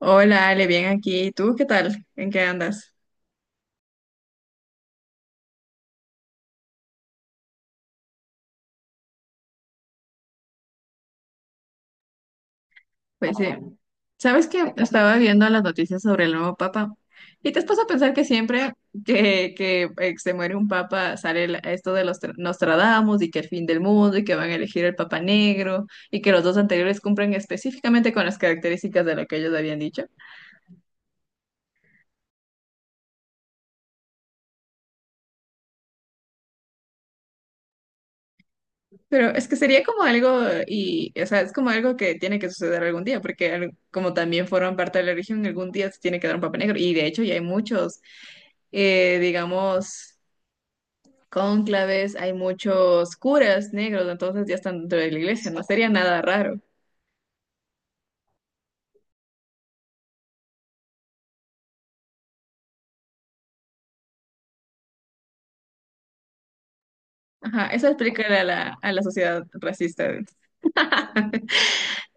Hola, Ale, bien aquí. ¿Tú qué tal? ¿En qué andas? Pues sí. ¿Sabes que estaba viendo las noticias sobre el nuevo papa y te has puesto a pensar que siempre que se muere un papa sale esto de Nostradamus y que el fin del mundo y que van a elegir el papa negro y que los dos anteriores cumplen específicamente con las características de lo que ellos habían dicho? Pero es que sería como algo, y, o sea, es como algo que tiene que suceder algún día, porque como también forman parte de la religión, algún día se tiene que dar un papa negro. Y de hecho ya hay muchos, digamos, cónclaves, hay muchos curas negros, entonces ya están dentro de la iglesia, no sería nada raro. Ajá, eso explica a la sociedad racista,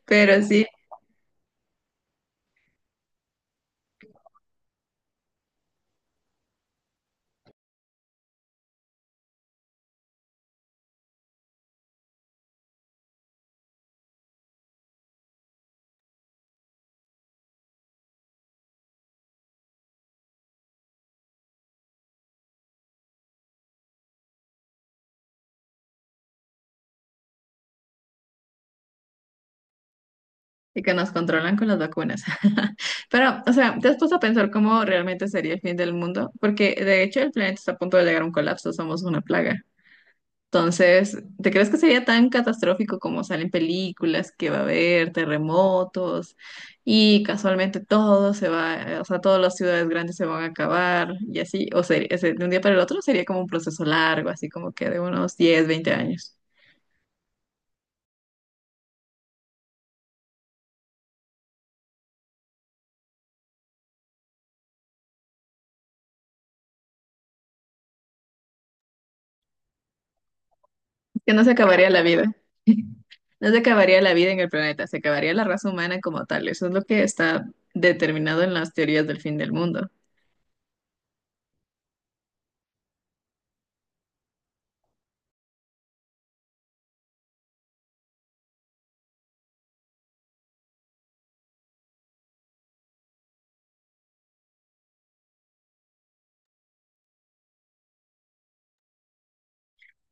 pero sí, y que nos controlan con las vacunas. Pero, o sea, ¿te has puesto a pensar cómo realmente sería el fin del mundo? Porque de hecho el planeta está a punto de llegar a un colapso, somos una plaga. Entonces, ¿te crees que sería tan catastrófico como salen películas que va a haber terremotos y casualmente todo se va, o sea, todas las ciudades grandes se van a acabar y así? O sería, de un día para el otro sería como un proceso largo, así como que de unos 10, 20 años. Que no se acabaría la vida. No se acabaría la vida en el planeta, se acabaría la raza humana como tal. Eso es lo que está determinado en las teorías del fin del mundo.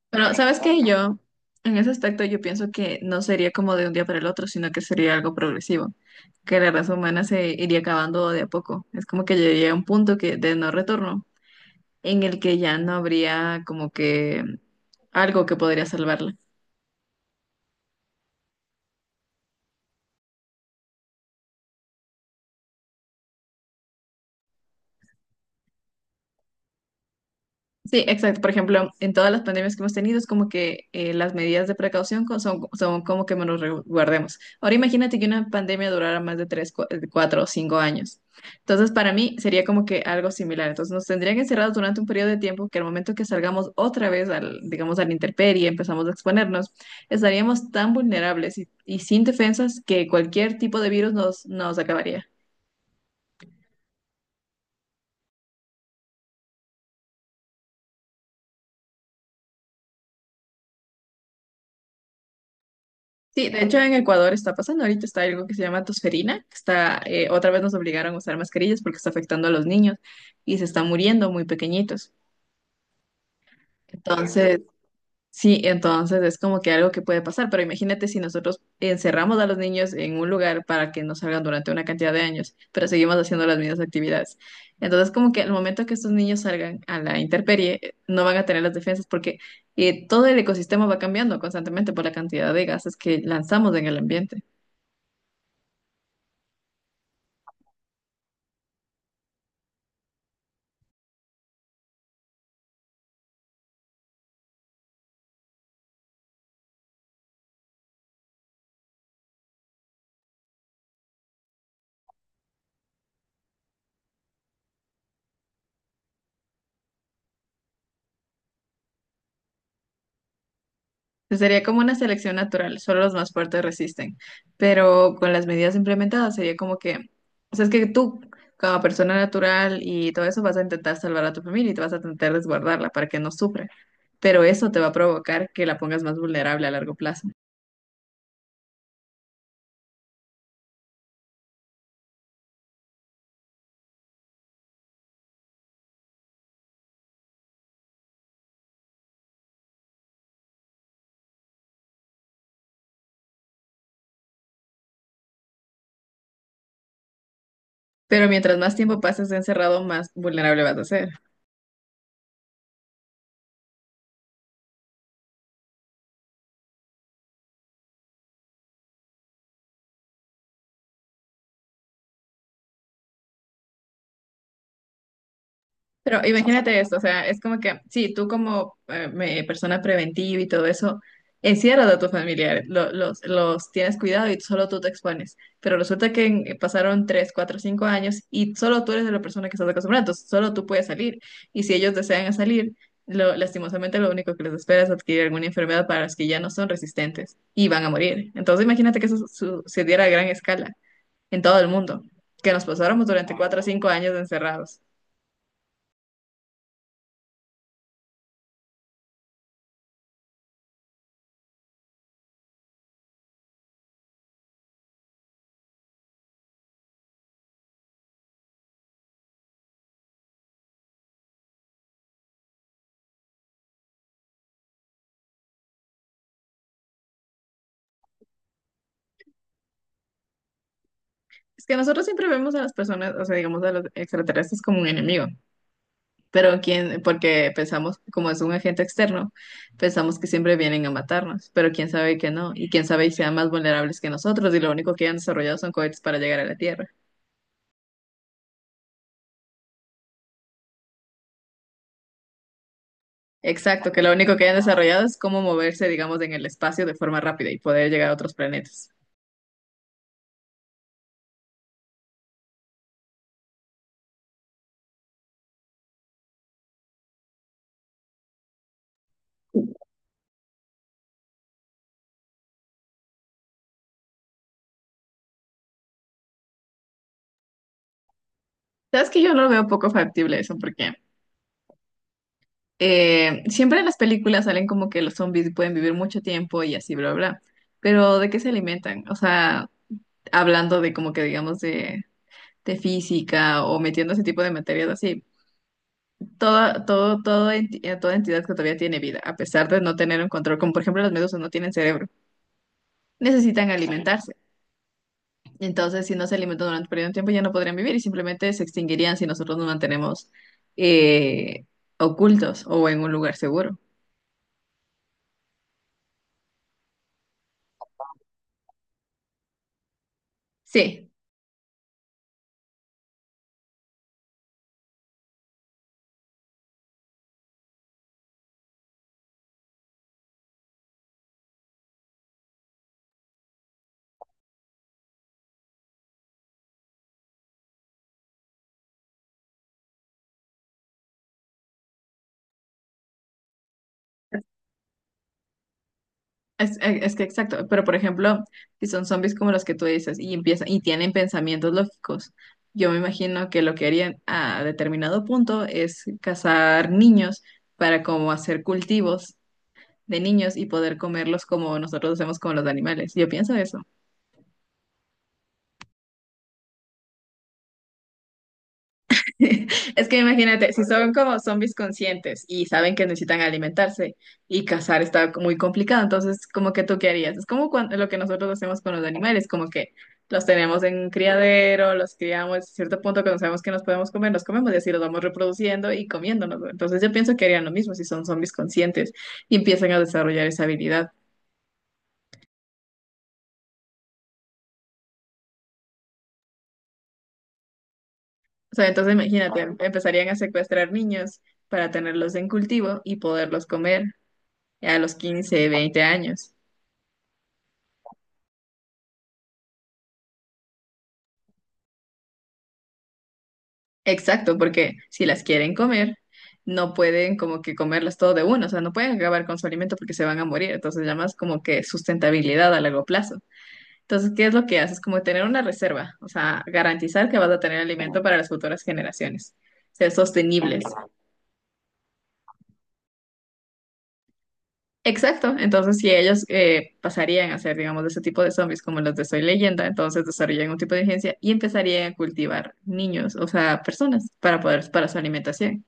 Pero, ¿sabes qué? Yo, en ese aspecto, yo pienso que no sería como de un día para el otro, sino que sería algo progresivo, que la raza humana se iría acabando de a poco. Es como que llegaría a un punto que, de no retorno, en el que ya no habría como que algo que podría salvarla. Sí, exacto. Por ejemplo, en todas las pandemias que hemos tenido es como que las medidas de precaución son como que nos resguardemos. Ahora imagínate que una pandemia durara más de 3, 4 o 5 años. Entonces, para mí sería como que algo similar. Entonces, nos tendrían encerrados durante un periodo de tiempo que al momento que salgamos otra vez al, digamos, a la intemperie, empezamos a exponernos, estaríamos tan vulnerables y sin defensas que cualquier tipo de virus nos acabaría. Sí, de hecho en Ecuador está pasando, ahorita está algo que se llama tosferina, que está, otra vez nos obligaron a usar mascarillas porque está afectando a los niños y se están muriendo muy pequeñitos. Entonces, sí, entonces es como que algo que puede pasar, pero imagínate si nosotros encerramos a los niños en un lugar para que no salgan durante una cantidad de años, pero seguimos haciendo las mismas actividades. Entonces, como que al momento que estos niños salgan a la intemperie, no van a tener las defensas porque todo el ecosistema va cambiando constantemente por la cantidad de gases que lanzamos en el ambiente. Sería como una selección natural, solo los más fuertes resisten, pero con las medidas implementadas sería como que, o sea, es que tú, como persona natural y todo eso, vas a intentar salvar a tu familia y te vas a intentar resguardarla para que no sufra, pero eso te va a provocar que la pongas más vulnerable a largo plazo. Pero mientras más tiempo pases encerrado, más vulnerable vas a ser. Pero imagínate esto, o sea, es como que, sí, tú como persona preventiva y todo eso, encierras a tus familiares, los tienes cuidado y solo tú te expones. Pero resulta que pasaron 3 4 5 años y solo tú eres la persona que estás acostumbrada, entonces solo tú puedes salir. Y si ellos desean salir, lastimosamente lo único que les espera es adquirir alguna enfermedad para las que ya no son resistentes y van a morir. Entonces imagínate que eso sucediera a gran escala en todo el mundo, que nos pasáramos durante 4 o Wow. años encerrados. Es que nosotros siempre vemos a las personas, o sea, digamos a los extraterrestres como un enemigo, pero quién, porque pensamos, como es un agente externo, pensamos que siempre vienen a matarnos, pero quién sabe que no, y quién sabe y sean más vulnerables que nosotros, y lo único que han desarrollado son cohetes para llegar a la Tierra. Exacto, que lo único que han desarrollado es cómo moverse, digamos, en el espacio de forma rápida y poder llegar a otros planetas. Sabes que yo lo veo poco factible eso, porque siempre en las películas salen como que los zombies pueden vivir mucho tiempo y así, bla, bla. Pero ¿de qué se alimentan? O sea, hablando de como que digamos de física o metiendo ese tipo de materias así. Toda entidad que todavía tiene vida, a pesar de no tener un control, como por ejemplo las medusas no tienen cerebro, necesitan alimentarse. Entonces, si no se alimentan durante un periodo de tiempo, ya no podrían vivir y simplemente se extinguirían si nosotros nos mantenemos eh, ocultos o en un lugar seguro. Sí. Es que exacto, pero por ejemplo, si son zombies como los que tú dices y empiezan y tienen pensamientos lógicos, yo me imagino que lo que harían a determinado punto es cazar niños para como hacer cultivos de niños y poder comerlos como nosotros hacemos con los animales. Yo pienso eso. Es que imagínate, si son como zombies conscientes y saben que necesitan alimentarse y cazar está muy complicado, entonces como que tú ¿qué harías? Es como lo que nosotros hacemos con los animales, como que los tenemos en un criadero, los criamos, a cierto punto cuando sabemos que nos podemos comer, los comemos y así los vamos reproduciendo y comiéndonos, ¿no? Entonces yo pienso que harían lo mismo si son zombies conscientes y empiezan a desarrollar esa habilidad. O sea, entonces imagínate, empezarían a secuestrar niños para tenerlos en cultivo y poderlos comer a los 15, 20 años. Exacto, porque si las quieren comer, no pueden como que comerlas todo de uno, o sea, no pueden acabar con su alimento porque se van a morir, entonces llamas como que sustentabilidad a largo plazo. Entonces, ¿qué es lo que haces? Como tener una reserva, o sea, garantizar que vas a tener alimento para las futuras generaciones, ser sostenibles. Exacto, entonces si ellos pasarían a ser, digamos, de ese tipo de zombies como los de Soy Leyenda, entonces desarrollan un tipo de agencia y empezarían a cultivar niños, o sea, personas para poder, para su alimentación.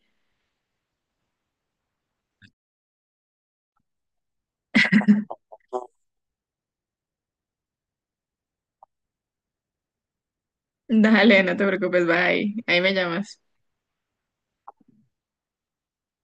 Dale, no te preocupes, bye. Ahí me llamas.